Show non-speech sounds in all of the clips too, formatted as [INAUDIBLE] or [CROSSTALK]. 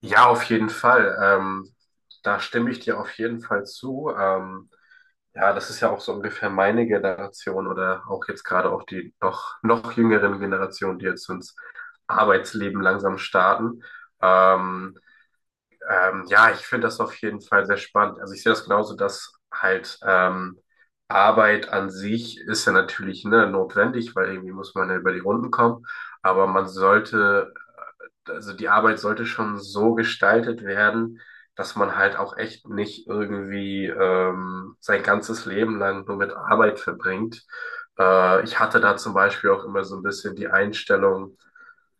Ja, auf jeden Fall. Da stimme ich dir auf jeden Fall zu. Ja, das ist ja auch so ungefähr meine Generation oder auch jetzt gerade auch die noch jüngeren Generationen, die jetzt ins Arbeitsleben langsam starten. Ähm, ja, ich finde das auf jeden Fall sehr spannend. Also ich sehe das genauso, dass halt Arbeit an sich ist ja natürlich, ne, notwendig, weil irgendwie muss man ja über die Runden kommen. Aber man sollte Also die Arbeit sollte schon so gestaltet werden, dass man halt auch echt nicht irgendwie sein ganzes Leben lang nur mit Arbeit verbringt. Ich hatte da zum Beispiel auch immer so ein bisschen die Einstellung,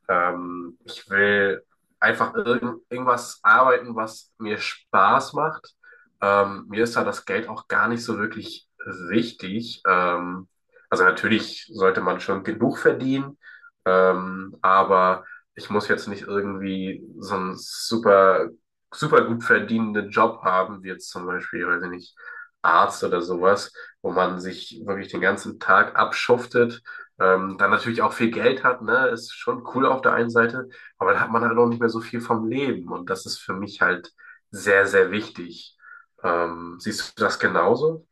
ich will einfach irgendwas arbeiten, was mir Spaß macht. Mir ist da das Geld auch gar nicht so wirklich wichtig. Also natürlich sollte man schon genug verdienen, aber ich muss jetzt nicht irgendwie so einen super gut verdienenden Job haben, wie jetzt zum Beispiel, weiß ich nicht, Arzt oder sowas, wo man sich wirklich den ganzen Tag abschuftet, dann natürlich auch viel Geld hat, ne, ist schon cool auf der einen Seite, aber dann hat man halt auch nicht mehr so viel vom Leben, und das ist für mich halt sehr, sehr wichtig. Siehst du das genauso?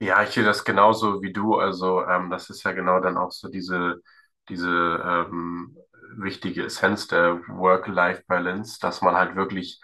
Ja, ich sehe das genauso wie du. Also, das ist ja genau dann auch so diese ähm, wichtige Essenz der Work-Life-Balance, dass man halt wirklich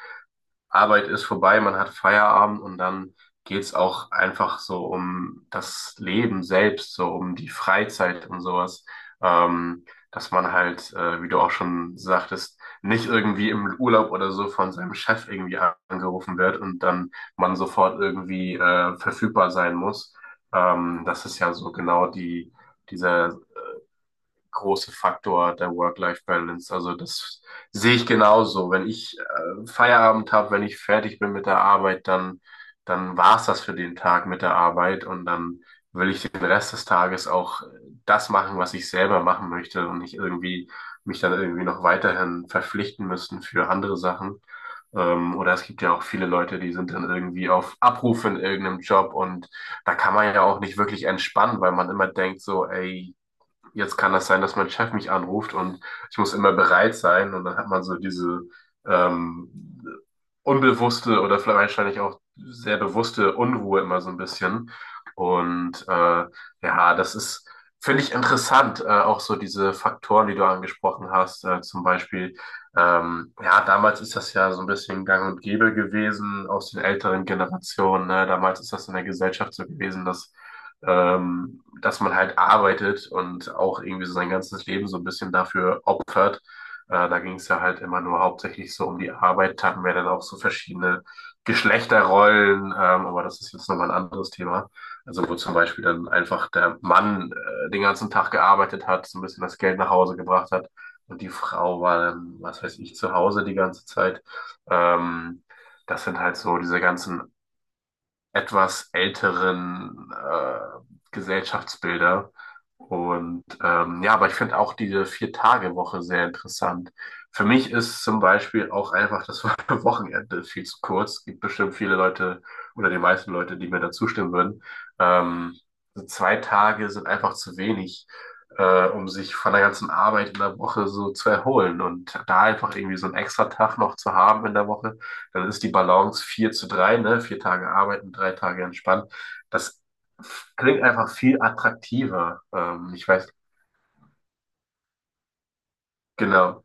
Arbeit ist vorbei, man hat Feierabend, und dann geht's auch einfach so um das Leben selbst, so um die Freizeit und sowas. Ähm, Dass man halt, wie du auch schon sagtest, nicht irgendwie im Urlaub oder so von seinem Chef irgendwie angerufen wird und dann man sofort irgendwie verfügbar sein muss. Das ist ja so genau dieser große Faktor der Work-Life-Balance. Also das sehe ich genauso. Wenn ich Feierabend habe, wenn ich fertig bin mit der Arbeit, dann war's das für den Tag mit der Arbeit, und dann will ich den Rest des Tages auch das machen, was ich selber machen möchte, und nicht irgendwie mich dann irgendwie noch weiterhin verpflichten müssen für andere Sachen. Oder es gibt ja auch viele Leute, die sind dann irgendwie auf Abruf in irgendeinem Job, und da kann man ja auch nicht wirklich entspannen, weil man immer denkt so, ey, jetzt kann das sein, dass mein Chef mich anruft, und ich muss immer bereit sein, und dann hat man so diese ähm, unbewusste oder vielleicht wahrscheinlich auch sehr bewusste Unruhe immer so ein bisschen. Und ja, finde ich interessant, auch so diese Faktoren, die du angesprochen hast, zum Beispiel, ja, damals ist das ja so ein bisschen gang und gäbe gewesen aus den älteren Generationen, ne? Damals ist das in der Gesellschaft so gewesen, dass man halt arbeitet und auch irgendwie so sein ganzes Leben so ein bisschen dafür opfert. Da ging es ja halt immer nur hauptsächlich so um die Arbeit, hatten wir dann auch so verschiedene Geschlechterrollen, aber das ist jetzt nochmal ein anderes Thema. Also wo zum Beispiel dann einfach der Mann den ganzen Tag gearbeitet hat, so ein bisschen das Geld nach Hause gebracht hat, und die Frau war dann, was weiß ich, zu Hause die ganze Zeit. Ähm, Das sind halt so diese ganzen etwas älteren Gesellschaftsbilder. Und ja, aber ich finde auch diese Vier-Tage-Woche sehr interessant. Für mich ist zum Beispiel auch einfach das [LAUGHS] Wochenende viel zu kurz. Es gibt bestimmt viele Leute oder die meisten Leute, die mir da zustimmen würden. Ähm, so 2 Tage sind einfach zu wenig, um sich von der ganzen Arbeit in der Woche so zu erholen. Und da einfach irgendwie so einen extra Tag noch zu haben in der Woche, dann ist die Balance 4:3, ne? 4 Tage arbeiten, 3 Tage entspannen. Das klingt einfach viel attraktiver. Genau.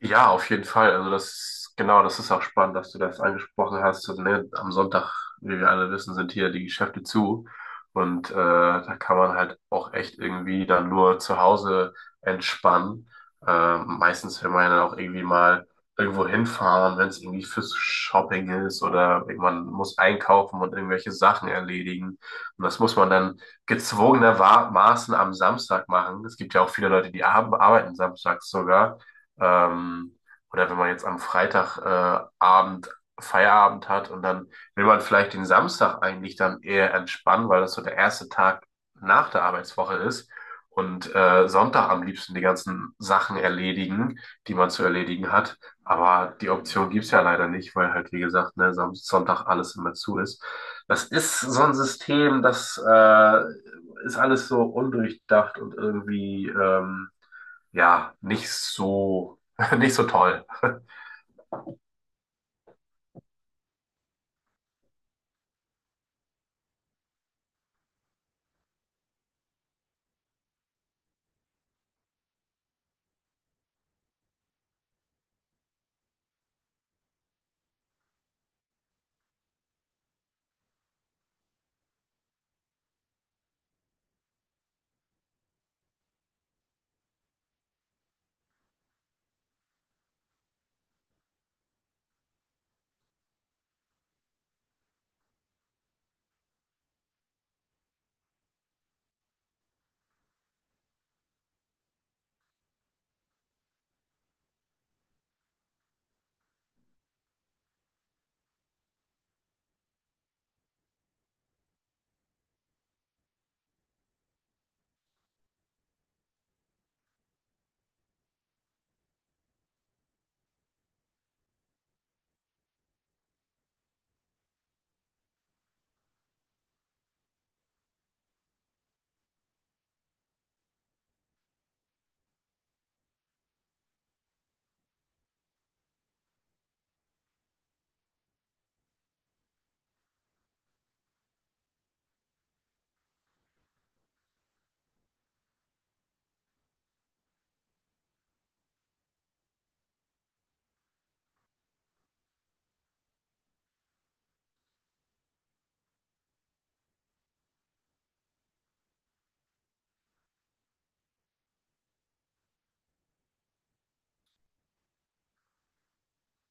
Ja, auf jeden Fall. Also das, genau, das ist auch spannend, dass du das angesprochen hast. Also, ne, am Sonntag, wie wir alle wissen, sind hier die Geschäfte zu. Und da kann man halt auch echt irgendwie dann nur zu Hause entspannen. Meistens will man ja dann auch irgendwie mal irgendwo hinfahren, wenn es irgendwie fürs Shopping ist, oder man muss einkaufen und irgendwelche Sachen erledigen. Und das muss man dann gezwungenermaßen am Samstag machen. Es gibt ja auch viele Leute, die arbeiten samstags sogar. Ähm, oder wenn man jetzt am Freitagabend Abend Feierabend hat und dann will man vielleicht den Samstag eigentlich dann eher entspannen, weil das so der erste Tag nach der Arbeitswoche ist, und Sonntag am liebsten die ganzen Sachen erledigen, die man zu erledigen hat. Aber die Option gibt's ja leider nicht, weil halt, wie gesagt, ne, Sonntag alles immer zu ist. Das ist so ein System, das ist alles so undurchdacht und irgendwie ja, nicht so, [LAUGHS] nicht so toll.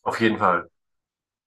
Auf jeden Fall.